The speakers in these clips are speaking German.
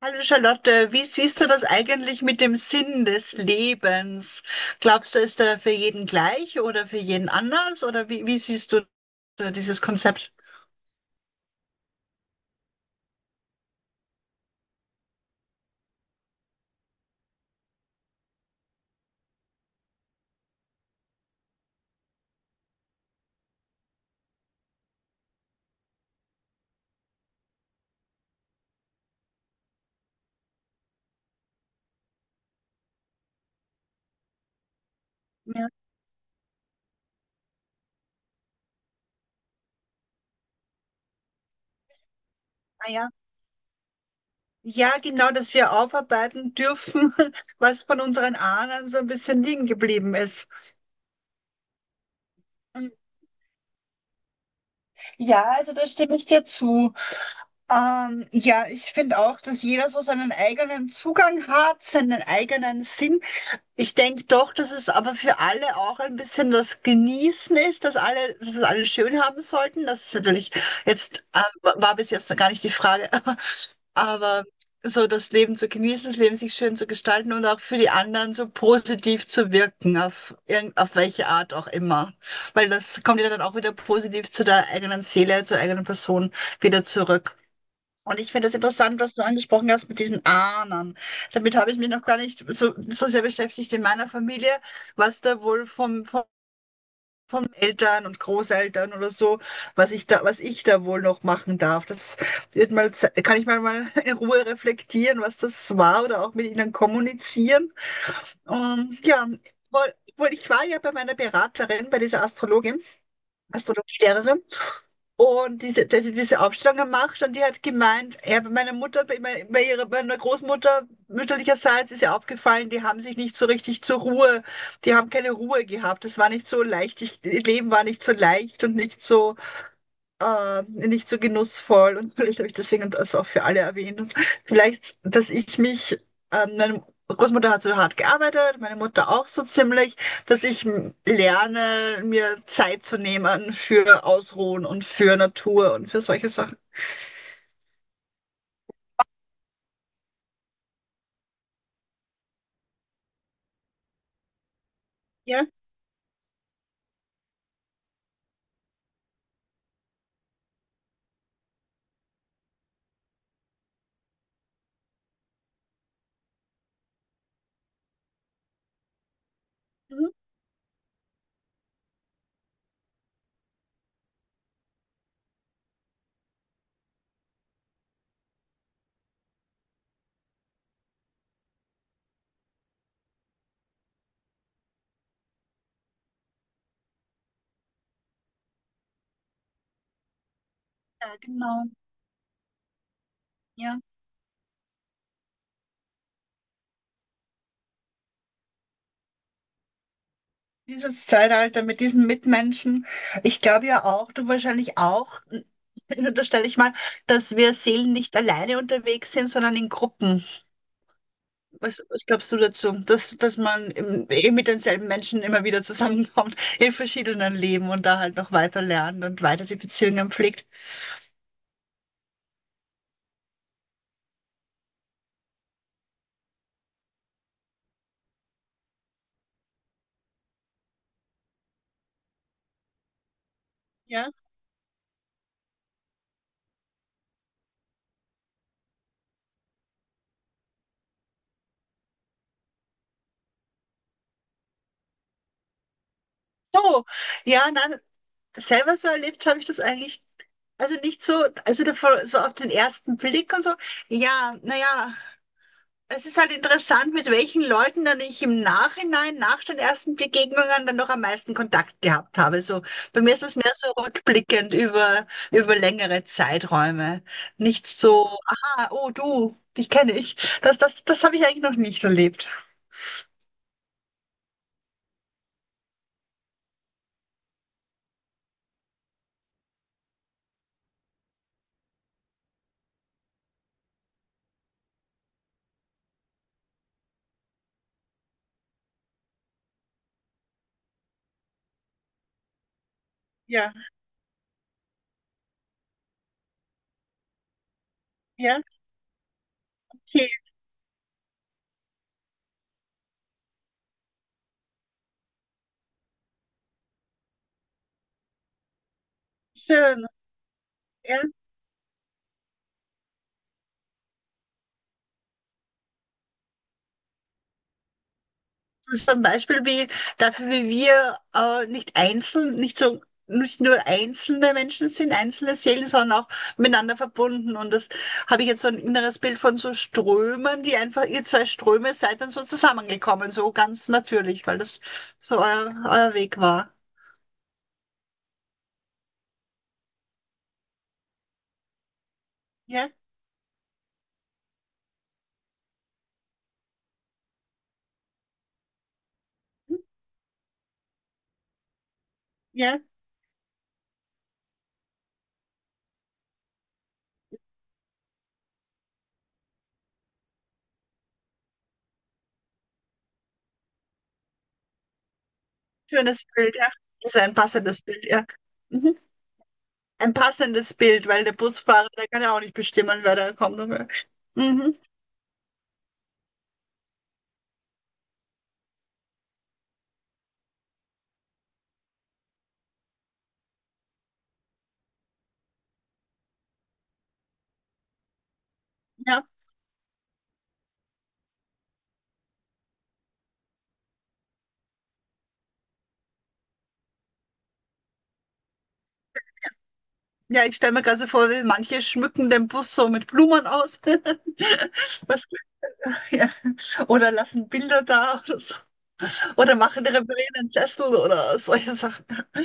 Hallo Charlotte, wie siehst du das eigentlich mit dem Sinn des Lebens? Glaubst du, ist der für jeden gleich oder für jeden anders? Oder wie siehst du so dieses Konzept? Ja, ah ja. Ja, genau, dass wir aufarbeiten dürfen, was von unseren Ahnen so ein bisschen liegen geblieben ist. Ja, also da stimme ich dir zu. Ja, ich finde auch, dass jeder so seinen eigenen Zugang hat, seinen eigenen Sinn. Ich denke doch, dass es aber für alle auch ein bisschen das Genießen ist, dass alle, dass es alle schön haben sollten. Das ist natürlich jetzt, war bis jetzt noch gar nicht die Frage, aber so das Leben zu genießen, das Leben sich schön zu gestalten und auch für die anderen so positiv zu wirken, auf irgend, auf welche Art auch immer. Weil das kommt ja dann auch wieder positiv zu der eigenen Seele, zur eigenen Person wieder zurück. Und ich finde das interessant, was du angesprochen hast mit diesen Ahnern. Damit habe ich mich noch gar nicht so sehr beschäftigt in meiner Familie, was da wohl vom, von Eltern und Großeltern oder so, was ich da wohl noch machen darf. Das wird mal, kann ich mal, mal in Ruhe reflektieren, was das war oder auch mit ihnen kommunizieren. Und ja, wohl ich war ja bei meiner Beraterin, bei dieser Astrologin, Astrologielehrerin. Und diese, dass ich diese Aufstellung gemacht und die hat gemeint, ja, bei meiner Mutter, bei, bei ihrer, bei meiner Großmutter mütterlicherseits ist ihr aufgefallen, die haben sich nicht so richtig zur Ruhe, die haben keine Ruhe gehabt. Das war nicht so leicht, ich, ihr Leben war nicht so leicht und nicht so nicht so genussvoll und vielleicht habe ich deswegen das auch für alle erwähnt. Und vielleicht, dass ich mich, meine Großmutter hat so hart gearbeitet, meine Mutter auch so ziemlich, dass ich lerne, mir Zeit zu nehmen für Ausruhen und für Natur und für solche Sachen. Ja. Mhm. Ja, genau. Ja, dieses Zeitalter mit diesen Mitmenschen. Ich glaube ja auch, du wahrscheinlich auch, unterstelle ich mal, dass wir Seelen nicht alleine unterwegs sind, sondern in Gruppen. Was glaubst du dazu, dass man im, eh mit denselben Menschen immer wieder zusammenkommt in verschiedenen Leben und da halt noch weiter lernt und weiter die Beziehungen pflegt? Ja. So, ja, nein, selber so erlebt habe ich das eigentlich, also nicht so, also davor, so auf den ersten Blick und so. Ja, naja, es ist halt interessant, mit welchen Leuten dann ich im Nachhinein, nach den ersten Begegnungen, dann noch am meisten Kontakt gehabt habe. So, bei mir ist das mehr so rückblickend über längere Zeiträume. Nicht so, aha, oh du, dich kenne ich. Das habe ich eigentlich noch nicht erlebt. Ja, ja, okay, schön. Ja. Das ist ein Beispiel wie dafür, wie wir nicht einzeln, nicht so nicht nur einzelne Menschen sind, einzelne Seelen, sondern auch miteinander verbunden. Und das habe ich jetzt so ein inneres Bild von so Strömen, die einfach, ihr zwei Ströme seid dann so zusammengekommen, so ganz natürlich, weil das so euer Weg war. Ja, mhm, ja, schönes Bild, ja. Ist ein passendes Bild, ja. Mhm. Ein passendes Bild, weil der Busfahrer, der kann ja auch nicht bestimmen, wer da kommt und mhm. Ja. Ja, ich stelle mir gerade so vor, wie manche schmücken den Bus so mit Blumen aus. Was, ja. Oder lassen Bilder da oder so. Oder machen, reparieren den Sessel oder solche Sachen.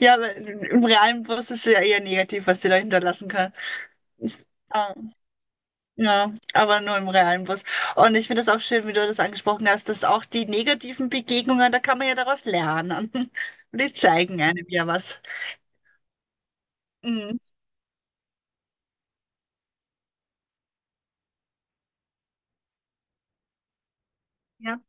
Ja, aber im realen Bus ist es ja eher negativ, was die da hinterlassen kann. Ah, ja, aber nur im realen Bus. Und ich finde das auch schön, wie du das angesprochen hast, dass auch die negativen Begegnungen, da kann man ja daraus lernen. Und die zeigen einem ja was. Mhm. Ja.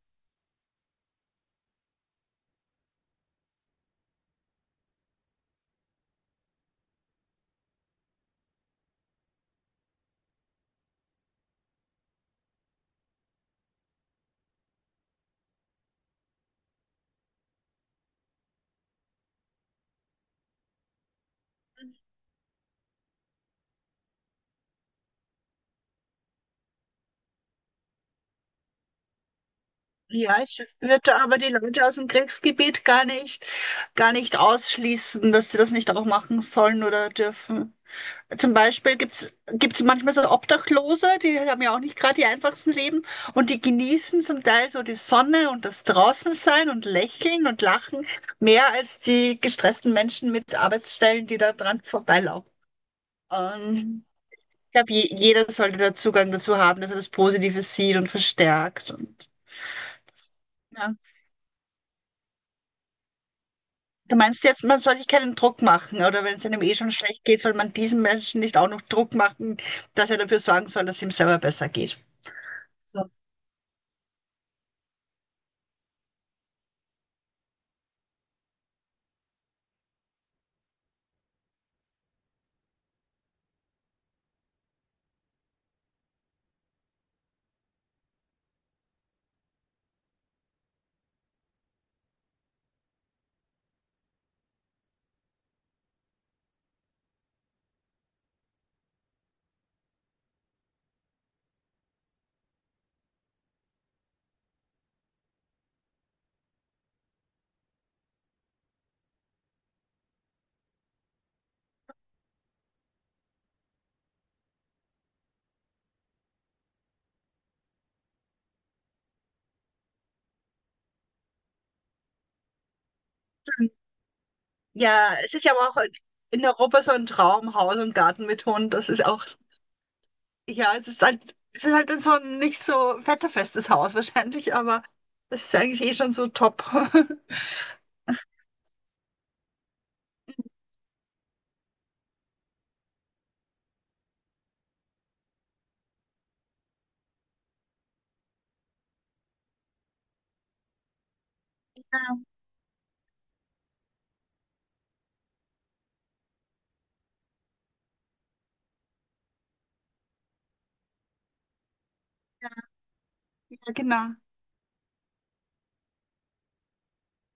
Ja, ich würde aber die Leute aus dem Kriegsgebiet gar nicht ausschließen, dass sie das nicht auch machen sollen oder dürfen. Zum Beispiel gibt's manchmal so Obdachlose, die haben ja auch nicht gerade die einfachsten Leben und die genießen zum Teil so die Sonne und das Draußensein und Lächeln und Lachen mehr als die gestressten Menschen mit Arbeitsstellen, die da dran vorbeilaufen. Ähm, ich glaube, jeder sollte da Zugang dazu haben, dass er das Positive sieht und verstärkt und ja. Du meinst jetzt, man soll sich keinen Druck machen, oder wenn es einem eh schon schlecht geht, soll man diesem Menschen nicht auch noch Druck machen, dass er dafür sorgen soll, dass es ihm selber besser geht. So. Ja, es ist ja aber auch in Europa so ein Traum, Haus und Garten mit Hund. Das ist auch, ja, es ist halt so ein nicht so wetterfestes Haus wahrscheinlich, aber es ist eigentlich eh schon so top. Ja, genau.